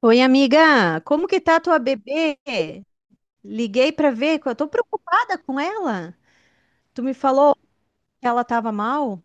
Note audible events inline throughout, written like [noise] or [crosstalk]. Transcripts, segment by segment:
Oi, amiga, como que tá a tua bebê? Liguei pra ver, que eu tô preocupada com ela. Tu me falou que ela tava mal?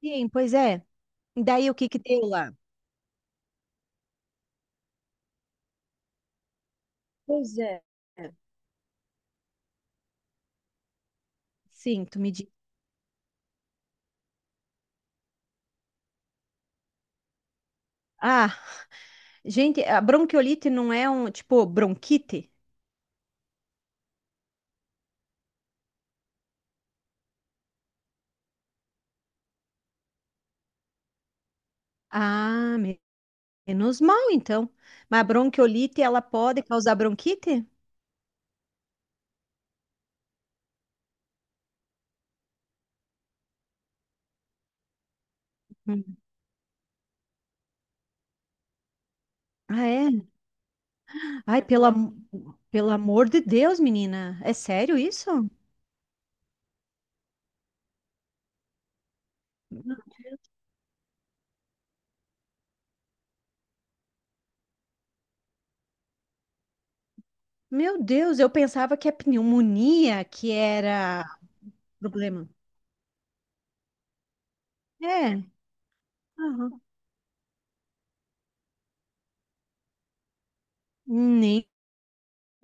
Sim, pois é. E daí o que que deu lá? Pois é. É. Sim, tu me diz. Ah, gente, a bronquiolite não é um, tipo, bronquite? Ah, me- Menos mal então. Mas a bronquiolite, ela pode causar bronquite? Hum. Ah, é? Ai, pelo, am- Pelo amor de Deus, menina, é sério isso? Meu Deus, eu pensava que a pneumonia que era problema. É, aham. Nem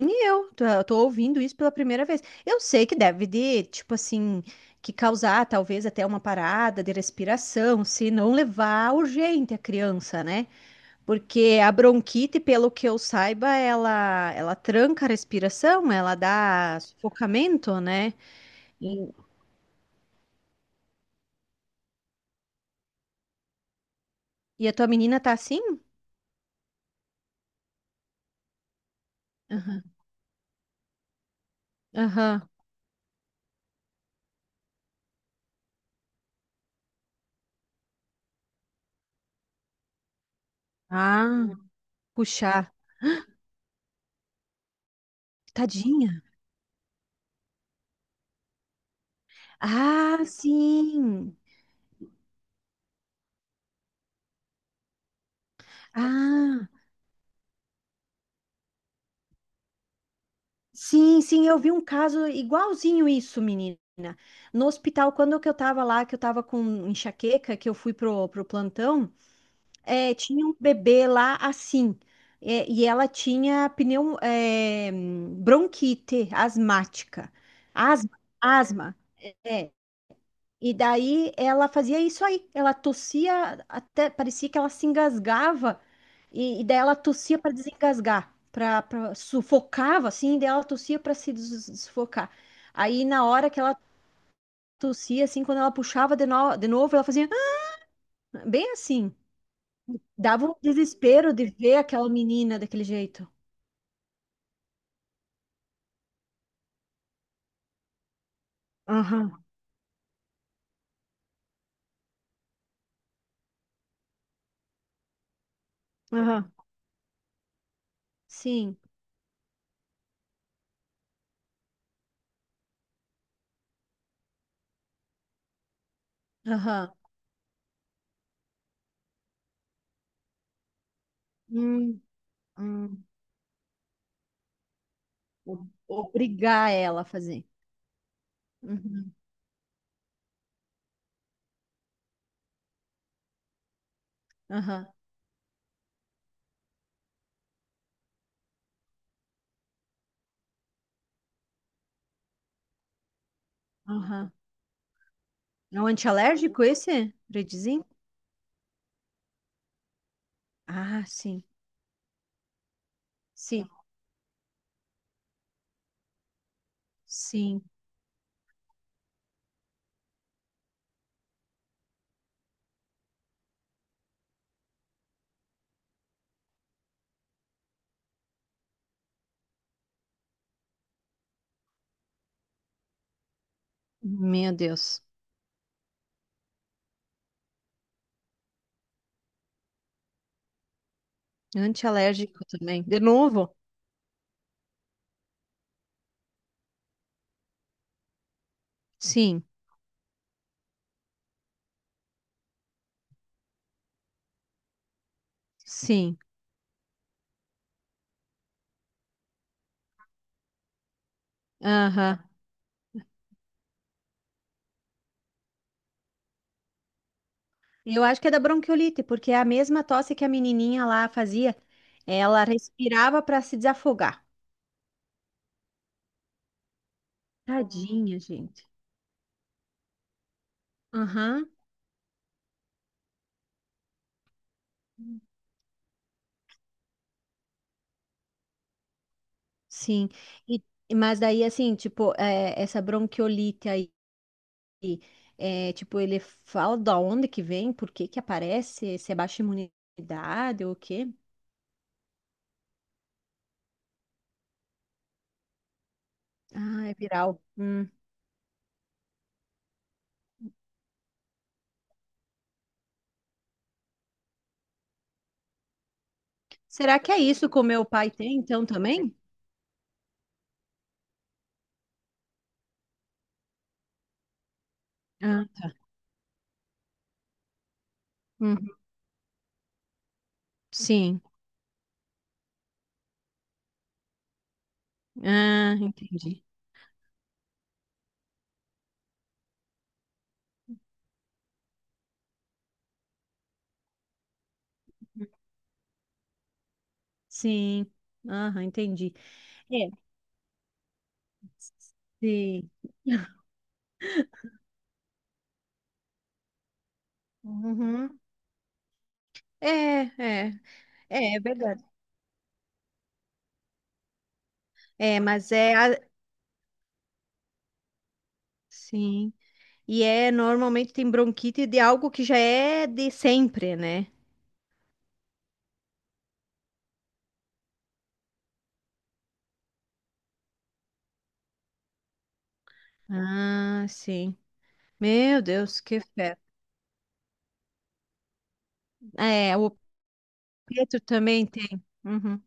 eu. Eu tô ouvindo isso pela primeira vez. Eu sei que deve de, tipo assim, que causar talvez até uma parada de respiração, se não levar urgente a criança, né? Porque a bronquite, pelo que eu saiba, ela tranca a respiração, ela dá sufocamento, né? E, e a tua menina tá assim? Aham. Ah, puxar. Tadinha. Ah, sim. Ah, sim, sim, eu vi um caso igualzinho isso, menina. No hospital, quando que eu tava lá, que eu tava com enxaqueca, que eu fui pro, pro plantão, é, tinha um bebê lá assim. É, e ela tinha pneu, é, bronquite asmática. Asma, asma. É. E daí ela fazia isso aí. Ela tossia até, parecia que ela se engasgava. E daí ela tossia para desengasgar, para sufocava assim, e daí ela tossia para se des- sufocar. Aí na hora que ela tossia assim, quando ela puxava de, no- de novo, ela fazia "Ah", bem assim. Dava um desespero de ver aquela menina daquele jeito. Aham, aham. Sim, aham. Hum, hum. Obrigar ela a fazer. Uhum. Aham, aham. É um antialérgico esse, Redizin? Ah, sim, sim, sim. Meu Deus. Antialérgico também. De novo? Sim, sim. Aham. Eu acho que é da bronquiolite, porque é a mesma tosse que a menininha lá fazia. Ela respirava para se desafogar. Tadinha, gente. Aham. Sim. E, mas daí, assim, tipo, é, essa bronquiolite aí, é, tipo, ele fala da onde que vem, por que que aparece, se é baixa imunidade ou o quê? Ah, é viral. Hum. Será que é isso que o meu pai tem, então, também? Ah, tá. Uhum. Sim. Ah, entendi. Sim. Aham, entendi. É. Sim. Uhum. É, é, é, é verdade. É, mas é, a- sim. E é, normalmente tem bronquite de algo que já é de sempre, né? Ah, sim. Meu Deus, que fé. É, o Pedro também tem. Uhum.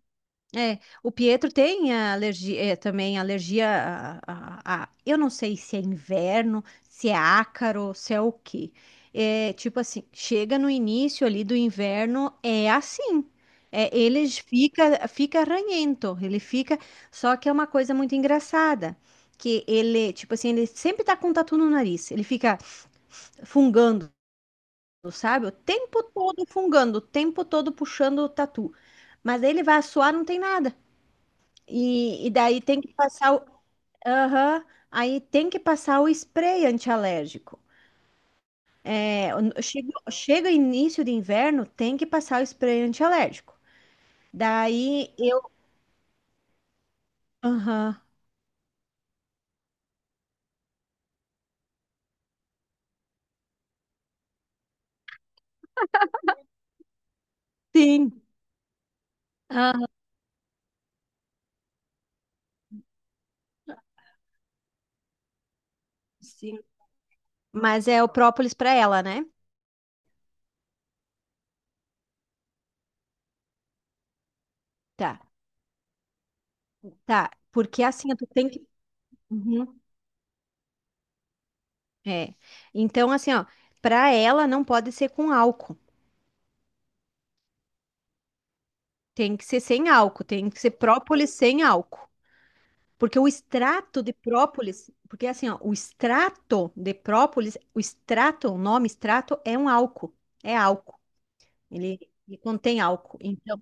É, o Pietro tem a alergia, é, também alergia a, eu não sei se é inverno, se é ácaro, se é o quê. É, tipo assim, chega no início ali do inverno, é assim. É, fica ranhento, ele fica, só que é uma coisa muito engraçada, que ele, tipo assim, ele sempre tá com tatu no nariz, ele fica fungando, sabe? O tempo todo fungando, o tempo todo puxando o tatu. Mas aí ele vai suar, não tem nada. E daí tem que passar o. Aham, aí tem que passar o spray antialérgico. É, chega, chega início de inverno, tem que passar o spray antialérgico. Daí eu. Aham. Sim. Aham, sim. Mas é o própolis para ela, né? Tá, tá. Porque assim, tu tem que. Uhum. É. Então, assim, ó, para ela não pode ser com álcool. Tem que ser sem álcool. Tem que ser própolis sem álcool. Porque o extrato de própolis, porque assim, ó, o extrato de própolis, o extrato, o nome extrato é um álcool, é álcool. Ele, ele contém álcool. Então,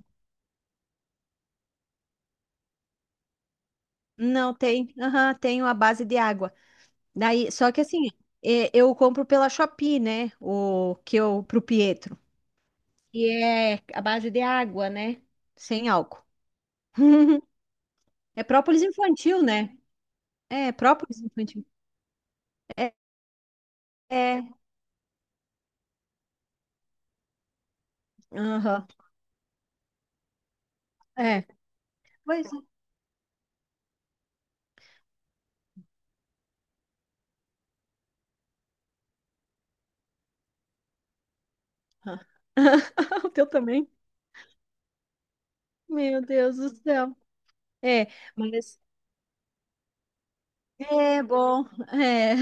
não tem, aham, tem a base de água. Daí, só que assim, é, eu compro pela Shopee, né? O que eu pro Pietro. E é a base de água, né? Sem álcool. [laughs] É própolis infantil, né? É, própolis infantil. É, é, aham, é. Pois [laughs] O teu também? Meu Deus do céu. É, mas é bom. É.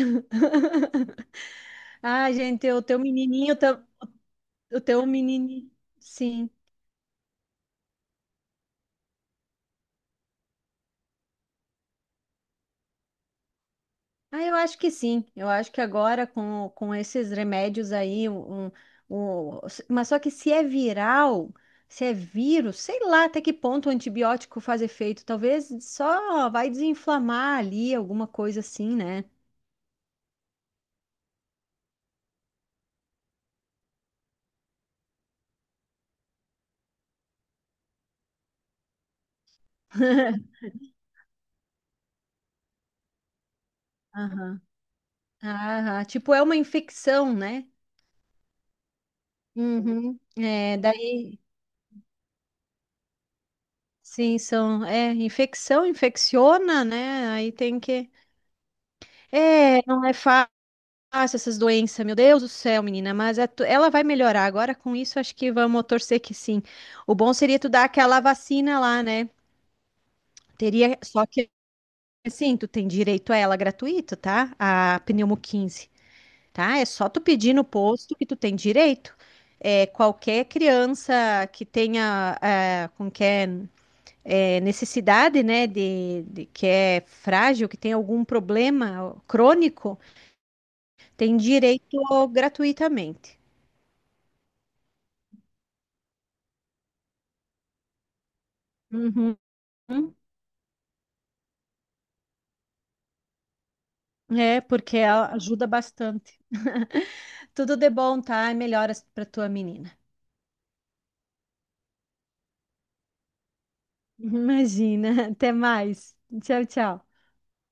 Ah, gente, o teu menininho, tam- O teu menininho. Sim. Ah, eu acho que sim. Eu acho que agora com esses remédios aí, um- mas só que se é viral, se é vírus, sei lá até que ponto o antibiótico faz efeito. Talvez só vai desinflamar ali, alguma coisa assim, né? [laughs] Aham. Ah, tipo, é uma infecção, né? Uhum. É, daí, sim, são, é, infecção, infecciona, né? Aí tem que, é, não é fácil essas doenças, meu Deus do céu, menina, mas é tu- ela vai melhorar agora com isso, acho que vamos torcer que sim. O bom seria tu dar aquela vacina lá, né? Teria, só que, assim, tu tem direito a ela gratuito, tá? A pneumo 15 tá? É só tu pedir no posto que tu tem direito. É, qualquer criança que tenha, é, como que é? É, necessidade, né, de- que é frágil, que tem algum problema crônico, tem direito gratuitamente. Uhum. É, porque a- ajuda bastante. [laughs] Tudo de bom, tá? E melhoras para tua menina. Imagina. Até mais. Tchau, tchau.